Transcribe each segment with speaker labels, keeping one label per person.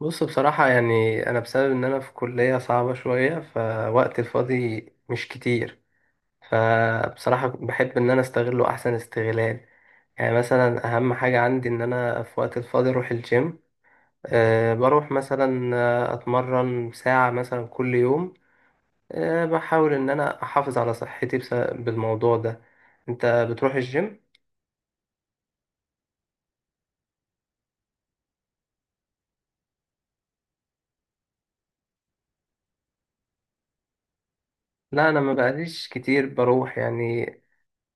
Speaker 1: بص، بصراحة يعني أنا بسبب إن أنا في كلية صعبة شوية فوقت الفاضي مش كتير. فبصراحة بحب إن أنا أستغله أحسن استغلال. يعني مثلا أهم حاجة عندي إن أنا في وقت الفاضي أروح الجيم. بروح مثلا أتمرن ساعة مثلا كل يوم. بحاول إن أنا أحافظ على صحتي بالموضوع ده. أنت بتروح الجيم؟ لا، أنا ما بقاليش كتير بروح يعني.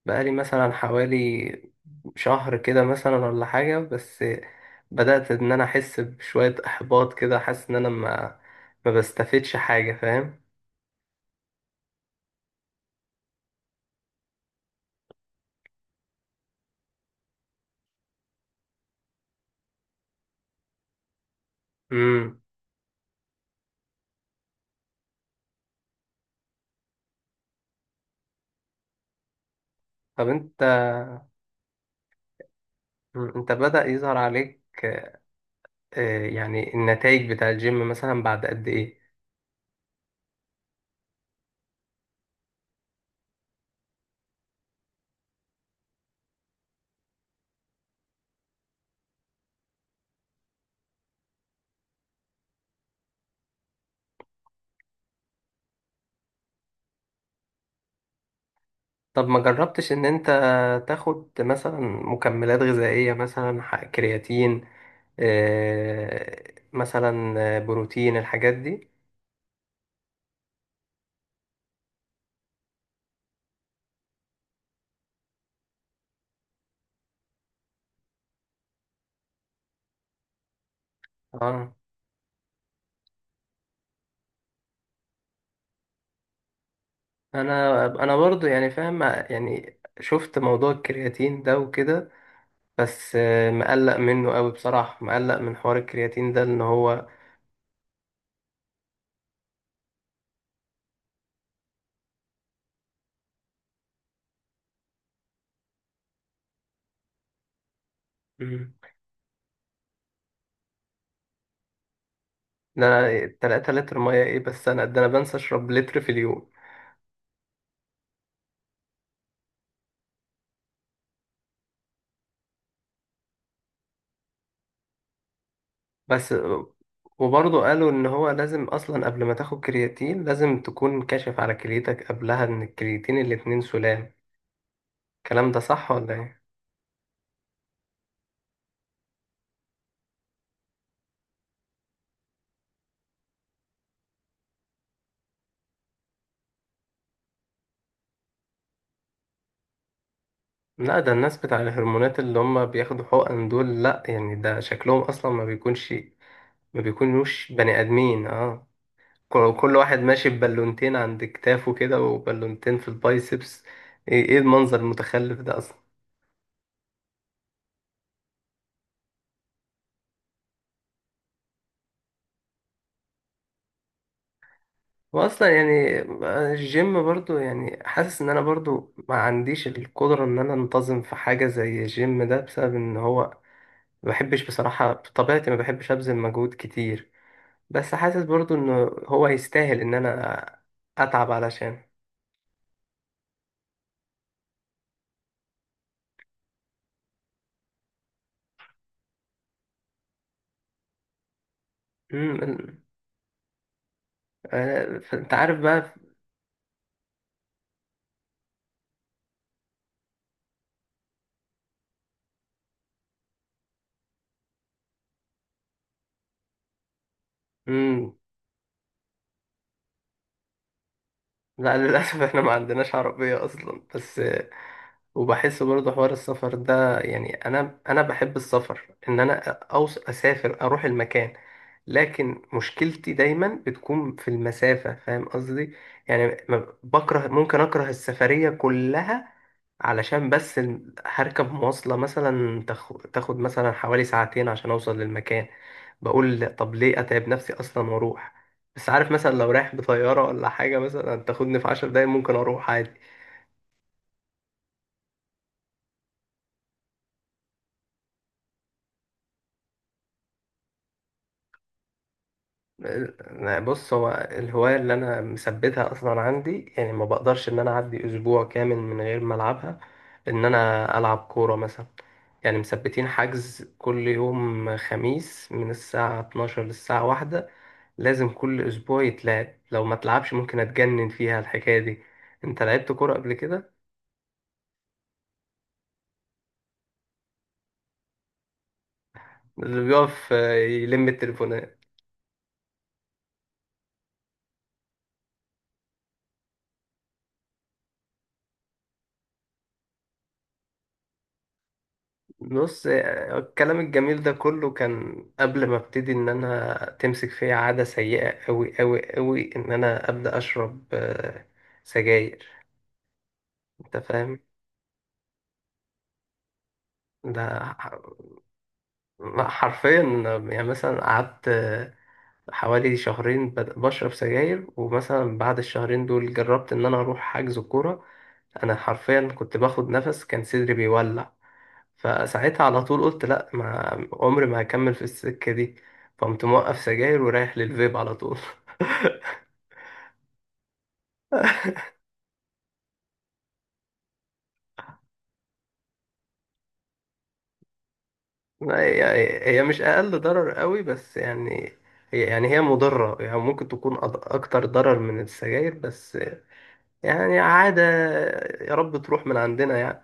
Speaker 1: بقالي مثلا حوالي شهر كده مثلا ولا حاجة، بس بدأت إن أنا أحس بشوية إحباط كده، حاسس إن أنا ما بستفدش حاجة، فاهم. مم. طب أنت. مم. أنت بدأ يظهر عليك يعني النتائج بتاع الجيم مثلا بعد قد إيه؟ طب ما جربتش إن أنت تاخد مثلا مكملات غذائية مثلا كرياتين، مثلا بروتين، الحاجات دي. اه انا برضو يعني فاهم، يعني شفت موضوع الكرياتين ده وكده، بس مقلق منه قوي بصراحة، مقلق من حوار الكرياتين ده ان هو. مم، ده 3 لتر مية؟ ايه بس انا، ده انا بنسى اشرب لتر في اليوم. بس وبرضو قالوا ان هو لازم اصلا قبل ما تاخد كرياتين لازم تكون كاشف على كليتك قبلها، ان الكرياتين الاتنين سلام. الكلام ده صح ولا ايه؟ لا، ده الناس بتاع الهرمونات اللي هم بياخدوا حقن دول، لا يعني ده شكلهم اصلا ما بيكونش، ما بيكونوش بني آدمين اه كل واحد ماشي ببالونتين عند كتافه كده وبالونتين في البايسبس. إيه المنظر المتخلف ده اصلا! واصلا يعني الجيم برضو يعني حاسس ان انا برضو ما عنديش القدرة ان انا انتظم في حاجة زي الجيم ده، بسبب ان هو ما بحبش بصراحة، بطبيعتي ما بحبش ابذل مجهود كتير. بس حاسس برضو ان هو يستاهل ان انا اتعب علشان. امم. انت عارف بقى. مم. لا، للأسف احنا ما عندناش عربية أصلا، بس وبحس برضه حوار السفر ده، يعني أنا بحب السفر، إن أنا أوص أسافر أروح المكان، لكن مشكلتي دايما بتكون في المسافة، فاهم قصدي. يعني بكره ممكن أكره السفرية كلها علشان بس هركب مواصلة مثلا تاخد مثلا حوالي ساعتين عشان أوصل للمكان. بقول طب ليه أتعب نفسي أصلا وأروح؟ بس عارف مثلا لو رايح بطيارة ولا حاجة مثلا تاخدني في 10 دقايق، ممكن أروح عادي. بص، هو الهواية اللي أنا مثبتها أصلا عندي، يعني ما بقدرش إن أنا أعدي أسبوع كامل من غير ما ألعبها، إن أنا ألعب كورة مثلا. يعني مثبتين حجز كل يوم خميس من الساعة 12 للساعة واحدة، لازم كل أسبوع يتلعب. لو ما تلعبش ممكن أتجنن فيها الحكاية دي. أنت لعبت كورة قبل كده؟ اللي بيقف يلم التليفون. بص، الكلام الجميل ده كله كان قبل ما ابتدي ان انا تمسك فيا عادة سيئة قوي قوي قوي، ان انا ابدا اشرب سجاير. انت فاهم. ده حرفيا، يعني مثلا قعدت حوالي شهرين بشرب سجاير، ومثلا بعد الشهرين دول جربت ان انا اروح حجز كورة. انا حرفيا كنت باخد نفس كان صدري بيولع. فساعتها على طول قلت لا، ما عمري ما هكمل في السكة دي. فقمت موقف سجاير ورايح للفيب على طول. لا، هي يعني هي مش أقل ضرر قوي، بس يعني هي يعني هي مضرة يعني، ممكن تكون أكتر ضرر من السجاير، بس يعني عادة. يا رب تروح من عندنا يعني.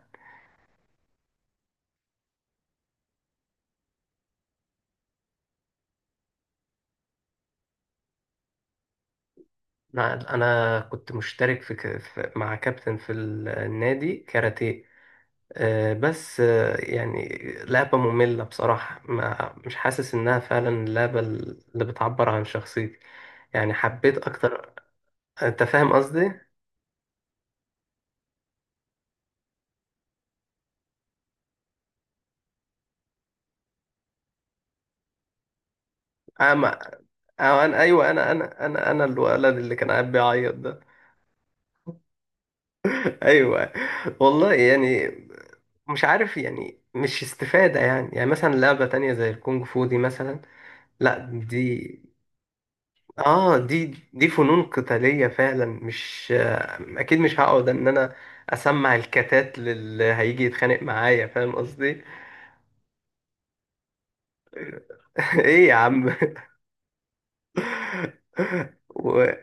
Speaker 1: أنا كنت مشترك في مع كابتن في النادي كاراتيه، بس يعني لعبة مملة بصراحة، ما مش حاسس إنها فعلا اللعبة اللي بتعبر عن شخصيتي. يعني حبيت أكتر. أنت فاهم قصدي؟ ما أه أنا أيوه، أنا الولد اللي كان قاعد بيعيط ده. أيوه، والله يعني، مش عارف يعني، مش استفادة يعني مثلا لعبة تانية زي الكونج فو دي مثلا، لا. دي اه دي دي فنون قتالية فعلا، مش اكيد مش هقعد ان انا اسمع الكتات للي هيجي يتخانق معايا، فاهم قصدي. ايه يا عم! و-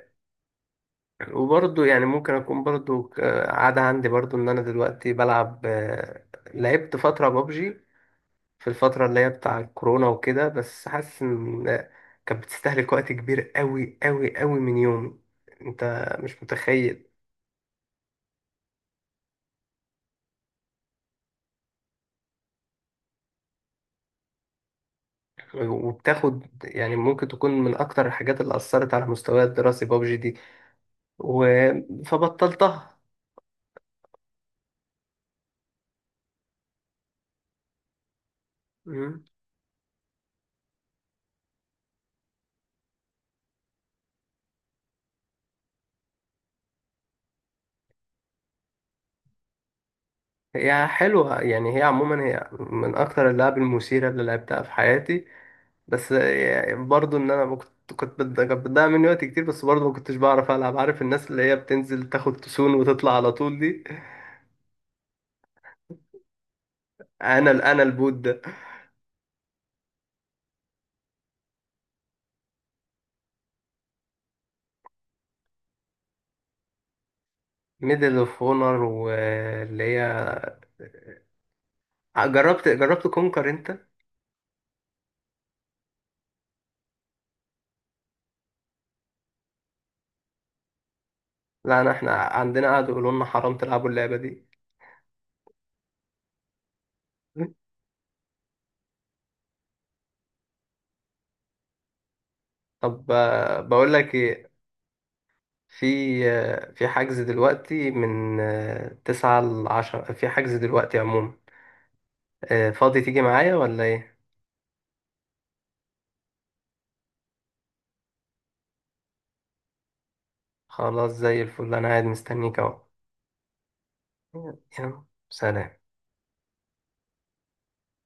Speaker 1: وبرضه يعني ممكن اكون برضه عادة عندي برضه ان انا دلوقتي بلعب، لعبت فترة بابجي في الفترة اللي هي بتاع الكورونا وكده، بس حاسس ان كانت بتستهلك وقت كبير قوي قوي قوي من يومي. انت مش متخيل. وبتاخد يعني، ممكن تكون من أكتر الحاجات اللي أثرت على مستواي الدراسي بابجي دي، و... فبطلتها. مم. هي حلوة يعني، هي عموما هي من أكتر اللعب المثيرة اللي لعبتها في حياتي، بس يعني برضو إن أنا ما كنت كانت بتضيع مني وقت كتير، بس برضو ما كنتش بعرف ألعب، عارف الناس اللي هي بتنزل تاخد تسون وتطلع على طول دي. أنا البوت ده. ميدل اوف اونر، واللي هي جربت كونكر انت. لا، احنا عندنا قعدوا يقولوا لنا حرام تلعبوا اللعبة دي. طب بقول لك ايه، في في حجز دلوقتي من 9 ل10، في حجز دلوقتي عموما، فاضي تيجي معايا ولا ايه؟ خلاص، زي الفل، انا قاعد مستنيك اهو. يلا، سلام.